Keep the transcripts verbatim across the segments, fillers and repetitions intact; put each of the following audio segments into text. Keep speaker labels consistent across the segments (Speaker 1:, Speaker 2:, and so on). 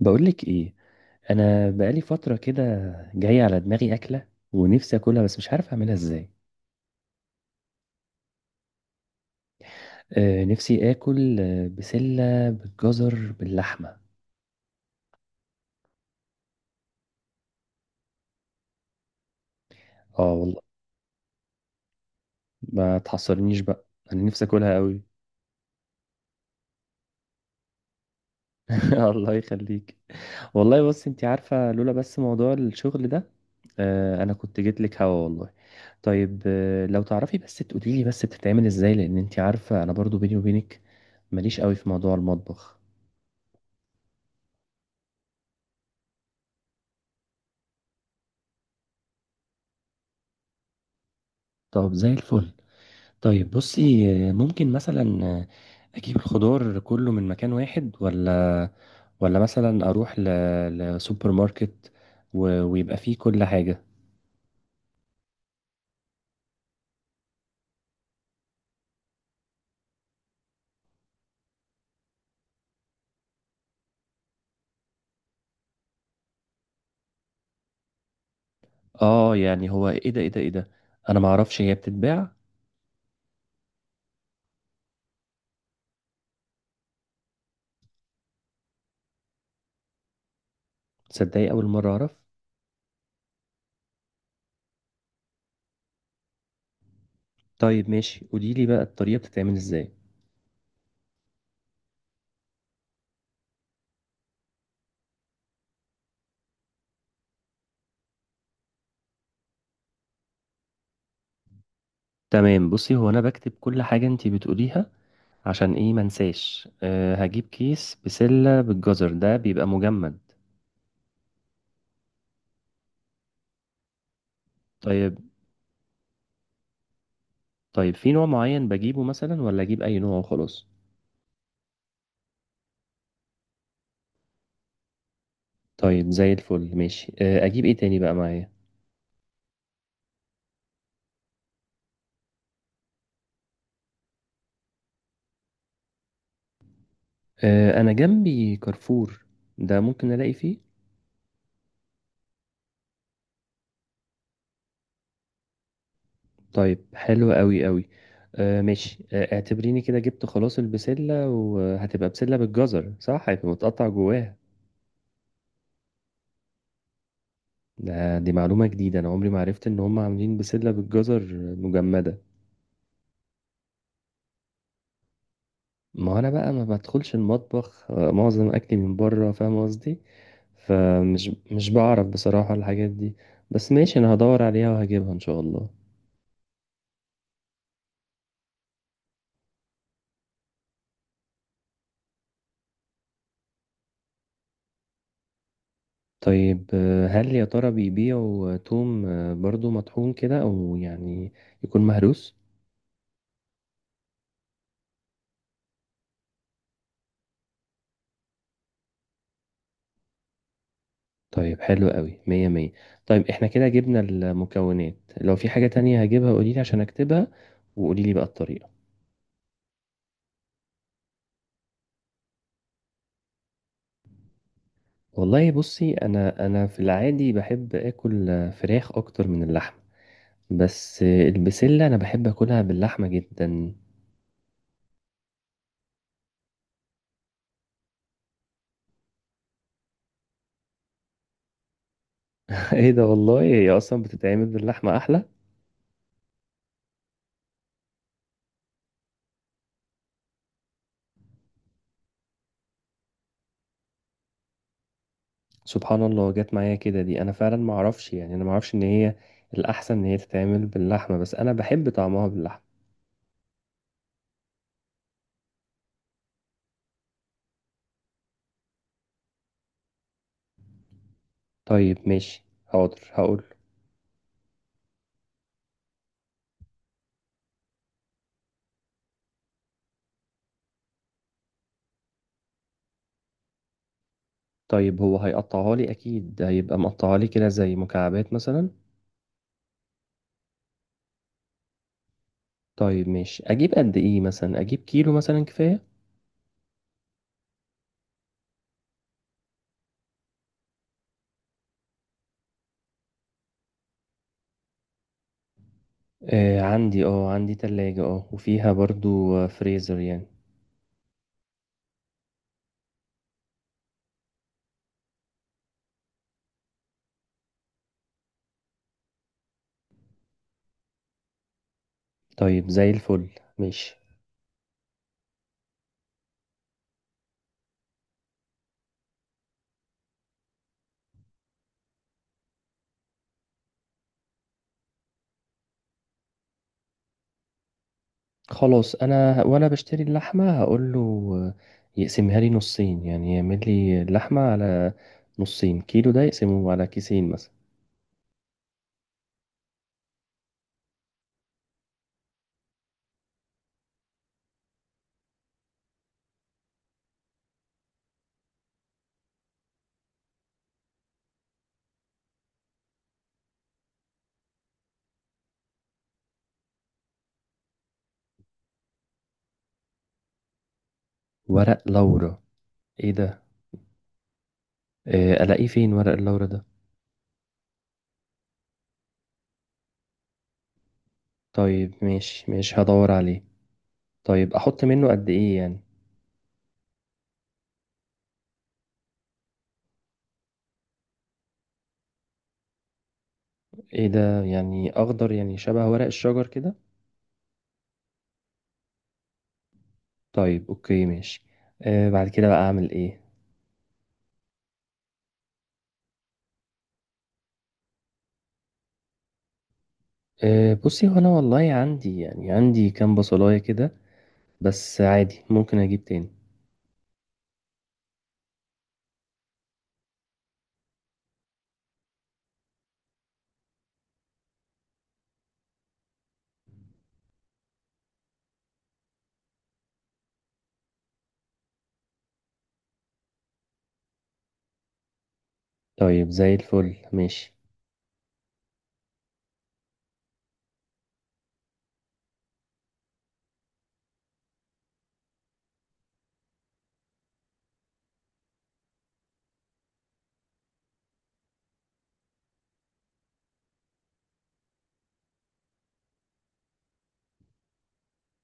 Speaker 1: بقولك ايه؟ انا بقالي فتره كده جايه على دماغي اكله ونفسي اكلها بس مش عارف اعملها ازاي. آه نفسي اكل آه، بسله بالجزر باللحمه. اه والله، ما تحصرنيش بقى. انا نفسي اكلها قوي. الله يخليك. والله بص، انت عارفه لولا بس موضوع الشغل ده. آه انا كنت جيت لك هوا والله. طيب، آه لو تعرفي بس تقولي لي بس بتتعمل ازاي، لان انت عارفه انا برضو بيني وبينك ماليش قوي في موضوع المطبخ. طب زي الفل. طيب بصي، ممكن مثلا اجيب الخضار كله من مكان واحد، ولا ولا مثلا اروح ل... لسوبر ماركت و... ويبقى فيه كل حاجة؟ اه يعني، هو ايه ده ايه ده ايه ده انا ما اعرفش هي بتتباع. تصدقي؟ اول مرة اعرف. طيب ماشي، قولي لي بقى الطريقة بتتعمل ازاي. تمام بصي، هو انا بكتب كل حاجة انتي بتقوليها عشان ايه منساش. أه هجيب كيس بسلة بالجزر ده بيبقى مجمد. طيب، طيب في نوع معين بجيبه مثلا ولا اجيب اي نوع وخلاص؟ طيب زي الفل ماشي. آه، اجيب ايه تاني بقى معايا؟ آه، انا جنبي كارفور، ده ممكن الاقي فيه. طيب حلو قوي قوي. آه، ماشي. آه، اعتبريني كده جبت خلاص البسلة، وهتبقى بسلة بالجزر، صح؟ هيبقى متقطع جواها. ده دي معلومة جديدة، انا عمري ما عرفت ان هم عاملين بسلة بالجزر مجمدة. ما انا بقى ما بدخلش المطبخ، آه، معظم اكلي من بره، فاهم قصدي؟ فمش مش بعرف بصراحة الحاجات دي. بس ماشي، انا هدور عليها وهجيبها ان شاء الله. طيب، آه، هل يا ترى بيبيعوا آه، توم آه، برضو مطحون كده، او يعني يكون مهروس؟ طيب حلو قوي، مية مية. طيب احنا كده جبنا المكونات. لو في حاجة تانية هجيبها قوليلي عشان اكتبها، وقوليلي بقى الطريقة. والله بصي، انا انا في العادي بحب اكل آه، فراخ اكتر من اللحم. بس آه، البسلة انا بحب اكلها باللحمة جدا. ايه ده؟ والله هي اصلا بتتعمل باللحمة احلى. سبحان الله، جت معايا كده دي. انا فعلا ما اعرفش، يعني انا ما اعرفش ان هي الاحسن ان هي تتعمل باللحمه، بس انا بحب طعمها باللحمه. طيب ماشي، حاضر هقول. طيب، هو هيقطعها لي اكيد، هيبقى مقطعها لي كده زي مكعبات مثلا. طيب ماشي، اجيب قد ايه مثلا؟ اجيب كيلو مثلا كفايه؟ آه، عندي اه عندي تلاجة، اه وفيها برضو آه، فريزر يعني. طيب زي الفل ماشي. خلاص، انا وانا بشتري اللحمه هقول له يقسمها لي نصين، يعني يعمل لي اللحمه على نصين. كيلو ده يقسمه على كيسين مثلا. ورق لورا؟ ايه ده؟ آه، الاقيه فين ورق اللورا ده؟ طيب ماشي ماشي، هدور عليه. طيب احط منه قد ايه يعني؟ ايه ده؟ يعني اخضر، يعني شبه ورق الشجر كده؟ طيب اوكي ماشي. آه بعد كده بقى اعمل ايه؟ آه بصي، هو انا والله عندي، يعني عندي كام بصلايه كده، بس عادي ممكن اجيب تاني. طيب زي الفل ماشي.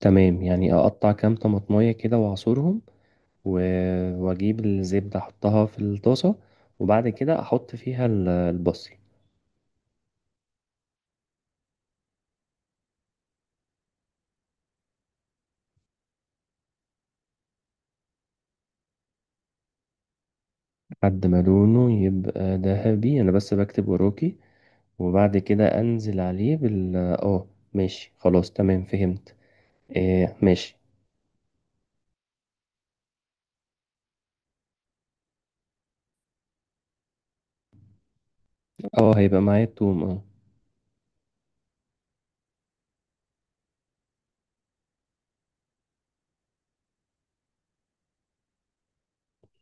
Speaker 1: تمام، يعني اقطع كام طماطمية كده واعصرهم، و... واجيب الزبدة احطها في الطاسة، وبعد كده احط فيها ال- البصل. لحد ما لونه يبقى ذهبي، انا بس بكتب وراكي. وبعد كده انزل عليه بال اه ماشي خلاص تمام، فهمت. آه، ماشي. اه، هيبقى معايا التوم، اه.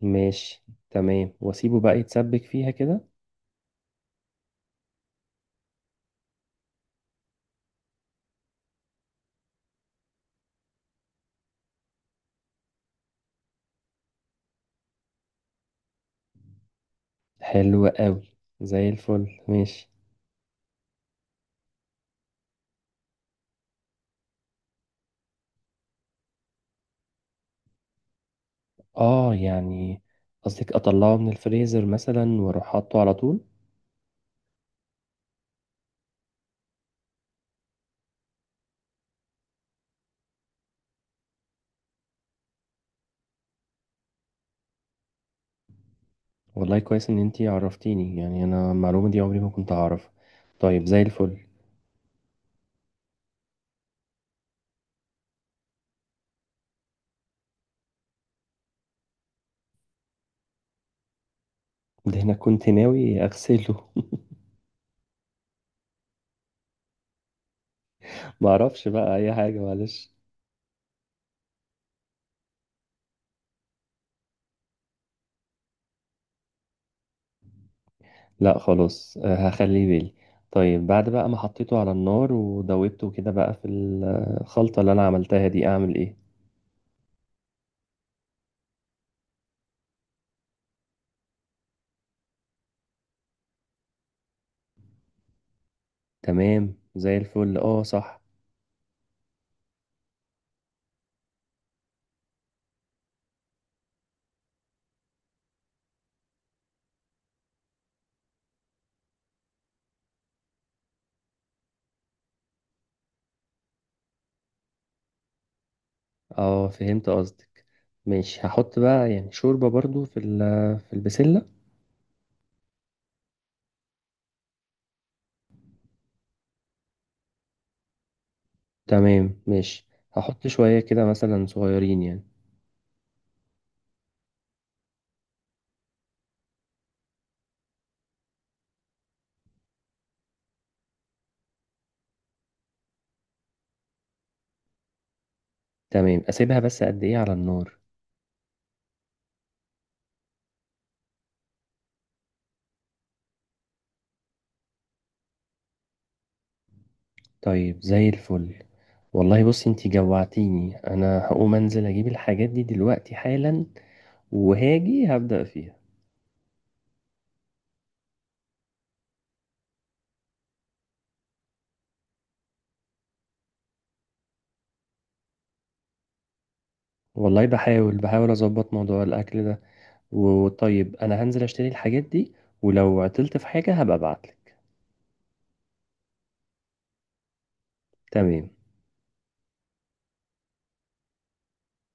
Speaker 1: ماشي تمام، واسيبه بقى يتسبك فيها كده. حلو قوي، زي الفل ماشي. اه يعني، قصدك اطلعه من الفريزر مثلا واروح حاطه على طول؟ والله كويس ان انتي عرفتيني، يعني انا المعلومة دي عمري ما كنت اعرف. طيب زي الفل. ده انا كنت ناوي اغسله. معرفش بقى اي حاجة، معلش. لا خلاص، آه، هخليه بالي. طيب بعد بقى ما حطيته على النار ودوبته كده بقى في الخلطة اللي انا عملتها دي، اعمل ايه؟ تمام زي الفل، اه صح. اه فهمت قصدك، ماشي هحط بقى يعني شوربة برضو في ال- في البسلة. تمام ماشي، هحط شوية كده مثلا صغيرين يعني. تمام، اسيبها بس قد ايه على النار؟ طيب زي الفل. والله بصي، انتي جوعتيني. انا هقوم انزل اجيب الحاجات دي دلوقتي حالا، وهاجي هبدأ فيها. والله بحاول بحاول اظبط موضوع الاكل ده. وطيب انا هنزل اشتري الحاجات دي، ولو عطلت في حاجة هبقى ابعتلك. تمام.